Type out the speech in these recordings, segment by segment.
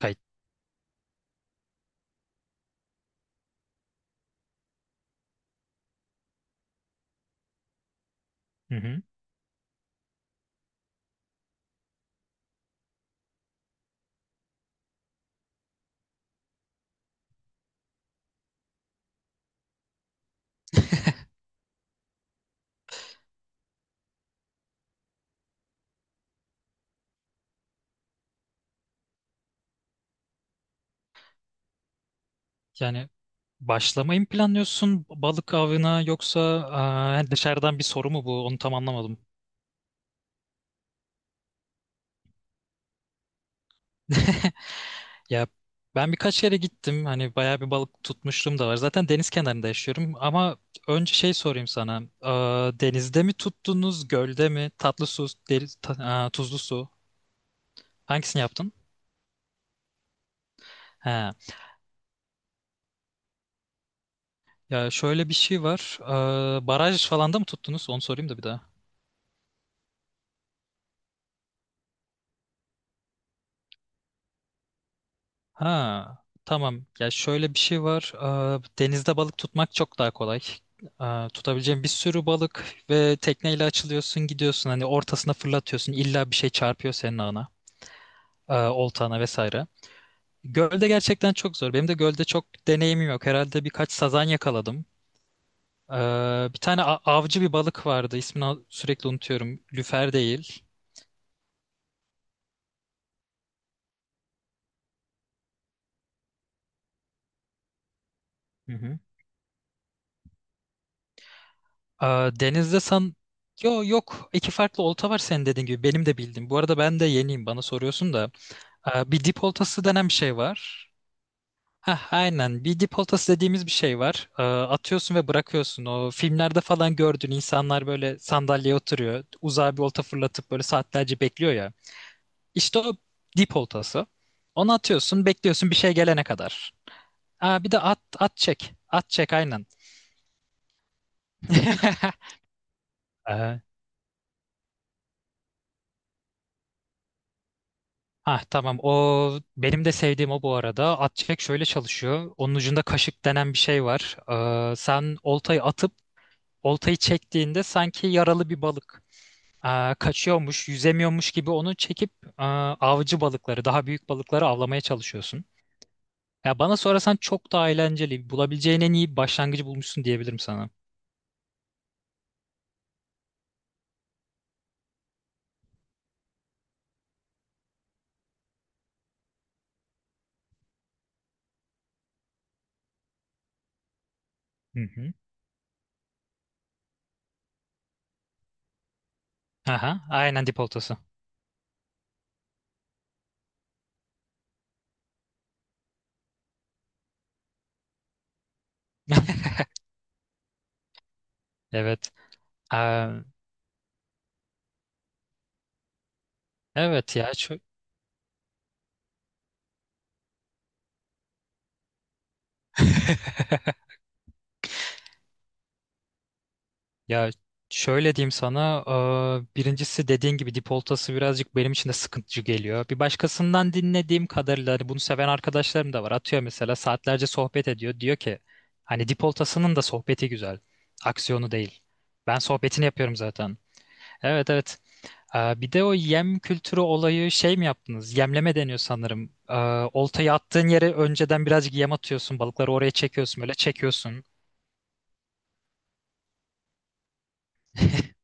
Kay- Hı hı. Yani başlamayı mı planlıyorsun balık avına yoksa yani dışarıdan bir soru mu bu? Onu tam anlamadım. Ya ben birkaç yere gittim. Hani bayağı bir balık tutmuşluğum da var. Zaten deniz kenarında yaşıyorum ama önce şey sorayım sana. Denizde mi tuttunuz, gölde mi? Tatlı su, deniz, tuzlu su. Hangisini yaptın? He. Ya şöyle bir şey var. Baraj falan da mı tuttunuz? Onu sorayım da bir daha. Ha, tamam. Ya şöyle bir şey var. Denizde balık tutmak çok daha kolay. Tutabileceğin bir sürü balık ve tekneyle açılıyorsun, gidiyorsun. Hani ortasına fırlatıyorsun. İlla bir şey çarpıyor senin ağına, oltana vesaire. Gölde gerçekten çok zor. Benim de gölde çok deneyimim yok. Herhalde birkaç sazan yakaladım. Bir tane avcı bir balık vardı. İsmini sürekli unutuyorum. Lüfer değil. Hı hı. Aa, denizde san... Yo, yok. İki farklı olta var senin dediğin gibi. Benim de bildiğim. Bu arada ben de yeniyim bana soruyorsun da. Bir dip oltası denen bir şey var. Hah, aynen. Bir dip oltası dediğimiz bir şey var. Atıyorsun ve bırakıyorsun. O filmlerde falan gördüğün insanlar böyle sandalyeye oturuyor. Uzağa bir olta fırlatıp böyle saatlerce bekliyor ya. İşte o dip oltası. Onu atıyorsun, bekliyorsun bir şey gelene kadar. Aa, bir de at, at çek. At çek aynen. Ee, Ha tamam o benim de sevdiğim o bu arada. At çek şöyle çalışıyor. Onun ucunda kaşık denen bir şey var. Sen oltayı atıp oltayı çektiğinde sanki yaralı bir balık kaçıyormuş, yüzemiyormuş gibi onu çekip avcı balıkları, daha büyük balıkları avlamaya çalışıyorsun. Ya bana sorarsan çok daha eğlenceli. Bulabileceğin en iyi başlangıcı bulmuşsun diyebilirim sana. Hı hı. Aha, aynen dip oltası. Evet. Ee, evet ya çok. Ya şöyle diyeyim sana, birincisi dediğin gibi dipoltası birazcık benim için de sıkıntıcı geliyor. Bir başkasından dinlediğim kadarıyla hani bunu seven arkadaşlarım da var. Atıyor mesela saatlerce sohbet ediyor. Diyor ki hani dipoltasının da sohbeti güzel. Aksiyonu değil. Ben sohbetini yapıyorum zaten. Evet, evet. Bir de o yem kültürü olayı şey mi yaptınız? Yemleme deniyor sanırım. Oltayı attığın yere önceden birazcık yem atıyorsun. Balıkları oraya çekiyorsun böyle çekiyorsun.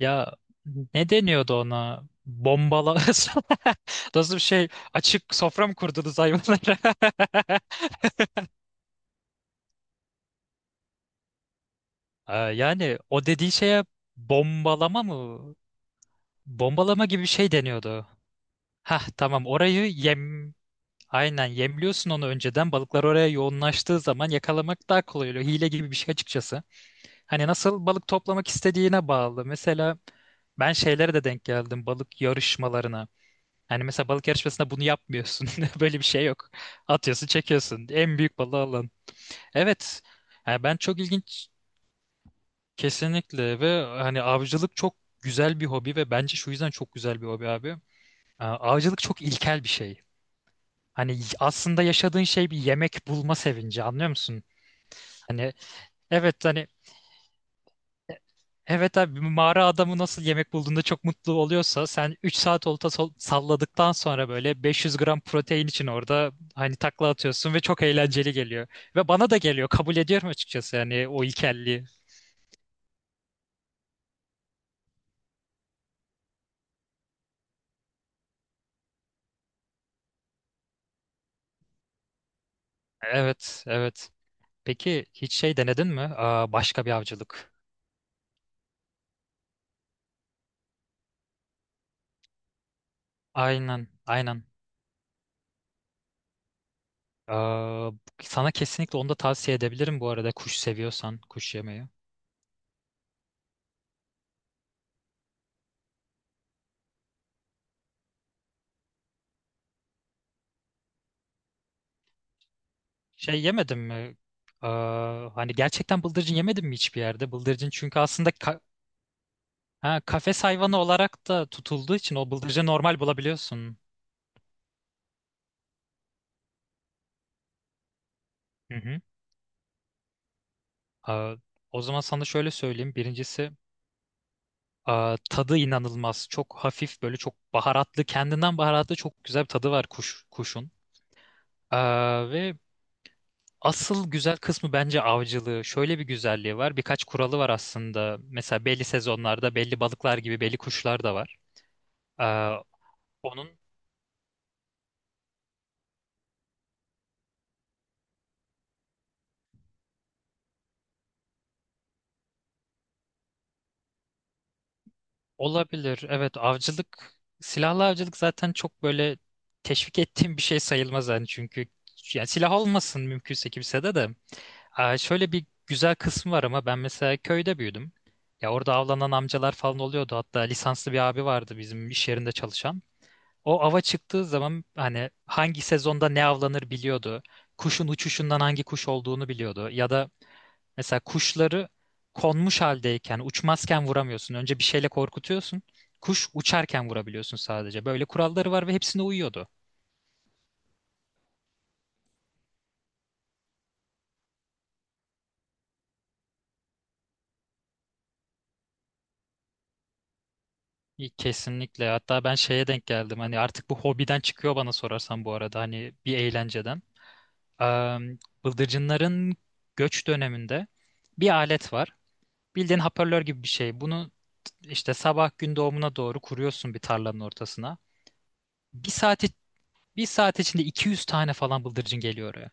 Ya ne deniyordu ona? Bombala. Nasıl bir şey? Açık sofra mı kurdunuz hayvanlara? Yani o dediği şeye bombalama mı? Bombalama gibi bir şey deniyordu. Hah tamam orayı yem... Aynen yemliyorsun onu önceden. Balıklar oraya yoğunlaştığı zaman yakalamak daha kolay oluyor. Hile gibi bir şey açıkçası. Hani nasıl balık toplamak istediğine bağlı. Mesela ben şeylere de denk geldim balık yarışmalarına. Hani mesela balık yarışmasında bunu yapmıyorsun. Böyle bir şey yok. Atıyorsun, çekiyorsun. En büyük balığı alan. Evet. Yani ben çok ilginç kesinlikle ve hani avcılık çok güzel bir hobi ve bence şu yüzden çok güzel bir hobi abi. Avcılık çok ilkel bir şey. Hani aslında yaşadığın şey bir yemek bulma sevinci anlıyor musun? Hani evet hani evet abi bir mağara adamı nasıl yemek bulduğunda çok mutlu oluyorsa sen 3 saat olta salladıktan sonra böyle 500 gram protein için orada hani takla atıyorsun ve çok eğlenceli geliyor. Ve bana da geliyor kabul ediyorum açıkçası yani o ilkelliği. Evet, evet. Peki hiç şey denedin mi? Başka bir avcılık. Aynen, aynen. Aa, sana kesinlikle onu da tavsiye edebilirim bu arada kuş seviyorsan kuş yemeyi. Şey yemedin mi? Hani gerçekten bıldırcın yemedin mi hiçbir yerde? Bıldırcın çünkü aslında ha, kafes hayvanı olarak da tutulduğu için o bıldırcı normal bulabiliyorsun. Hı hı. Aa, o zaman sana şöyle söyleyeyim. Birincisi tadı inanılmaz. Çok hafif böyle çok baharatlı. Kendinden baharatlı çok güzel bir tadı var kuş, kuşun. Ve asıl güzel kısmı bence avcılığı. Şöyle bir güzelliği var. Birkaç kuralı var aslında. Mesela belli sezonlarda belli balıklar gibi belli kuşlar da var. Aa, onun Olabilir. Evet, avcılık, silahlı avcılık zaten çok böyle teşvik ettiğim bir şey sayılmaz yani çünkü yani silah olmasın mümkünse kimse de de. Şöyle bir güzel kısmı var ama ben mesela köyde büyüdüm. Ya orada avlanan amcalar falan oluyordu. Hatta lisanslı bir abi vardı bizim iş yerinde çalışan. O ava çıktığı zaman hani hangi sezonda ne avlanır biliyordu. Kuşun uçuşundan hangi kuş olduğunu biliyordu. Ya da mesela kuşları konmuş haldeyken, uçmazken vuramıyorsun. Önce bir şeyle korkutuyorsun. Kuş uçarken vurabiliyorsun sadece. Böyle kuralları var ve hepsine uyuyordu. İyi, kesinlikle. Hatta ben şeye denk geldim. Hani artık bu hobiden çıkıyor bana sorarsan bu arada. Hani bir eğlenceden. Eee, bıldırcınların göç döneminde bir alet var. Bildiğin hoparlör gibi bir şey. Bunu işte sabah gün doğumuna doğru kuruyorsun bir tarlanın ortasına. Bir saat, bir saat içinde 200 tane falan bıldırcın geliyor oraya.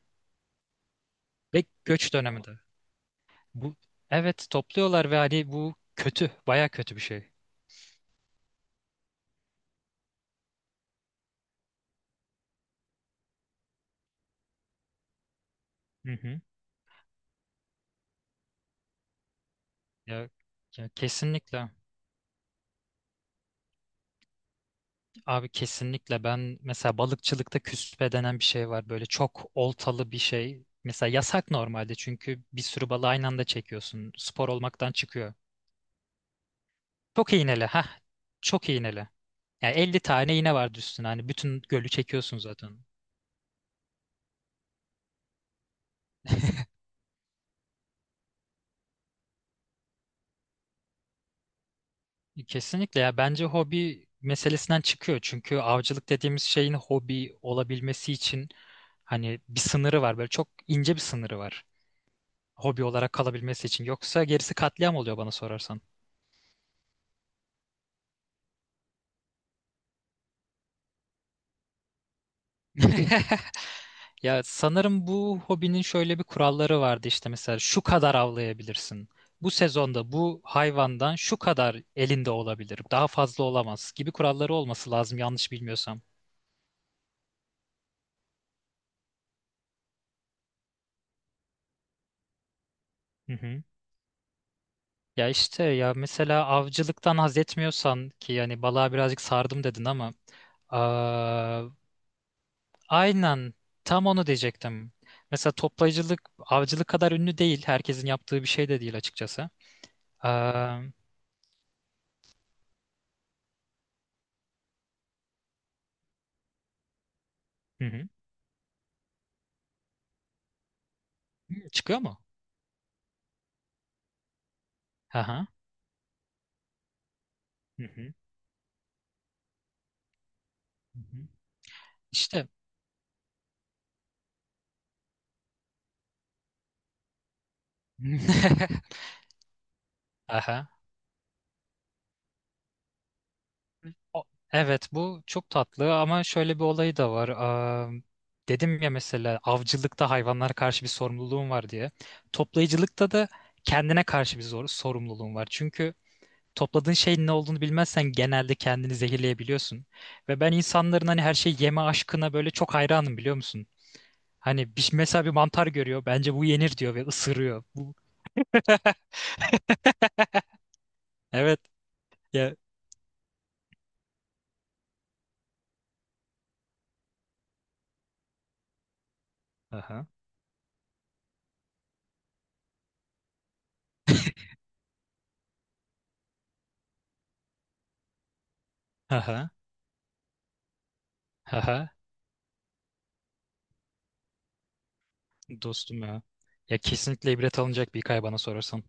Ve göç döneminde. Bu evet topluyorlar ve hani bu kötü, baya kötü bir şey. Hı hı. Ya, ya kesinlikle. Abi kesinlikle ben mesela balıkçılıkta küspe denen bir şey var. Böyle çok oltalı bir şey. Mesela yasak normalde çünkü bir sürü balığı aynı anda çekiyorsun. Spor olmaktan çıkıyor. Çok iğneli. Ha Çok iğneli. Yani 50 tane iğne vardı üstüne. Hani bütün gölü çekiyorsun zaten. Kesinlikle ya bence hobi meselesinden çıkıyor. Çünkü avcılık dediğimiz şeyin hobi olabilmesi için hani bir sınırı var. Böyle çok ince bir sınırı var. Hobi olarak kalabilmesi için. Yoksa gerisi katliam oluyor bana sorarsan. Ya sanırım bu hobinin şöyle bir kuralları vardı işte mesela şu kadar avlayabilirsin. Bu sezonda bu hayvandan şu kadar elinde olabilir. Daha fazla olamaz gibi kuralları olması lazım yanlış bilmiyorsam. Ya işte ya mesela avcılıktan haz etmiyorsan ki yani balığa birazcık sardım dedin ama aa, aynen tam onu diyecektim. Mesela toplayıcılık avcılık kadar ünlü değil. Herkesin yaptığı bir şey de değil açıkçası. Aa, hı hı. Hı, çıkıyor mu? Aha. Hı hı. Hı hı. İşte. Aha. O- evet bu çok tatlı ama şöyle bir olayı da var. Dedim ya mesela avcılıkta hayvanlara karşı bir sorumluluğum var diye. Toplayıcılıkta da kendine karşı bir zor sorumluluğum var. Çünkü topladığın şeyin ne olduğunu bilmezsen genelde kendini zehirleyebiliyorsun. Ve ben insanların hani her şeyi yeme aşkına böyle çok hayranım biliyor musun? Hani bir, mesela bir mantar görüyor bence bu yenir diyor ve ısırıyor. Bu, evet ya. Aha. Aha. Aha. Dostum ya. Ya kesinlikle ibret alınacak bir hikaye bana sorarsan.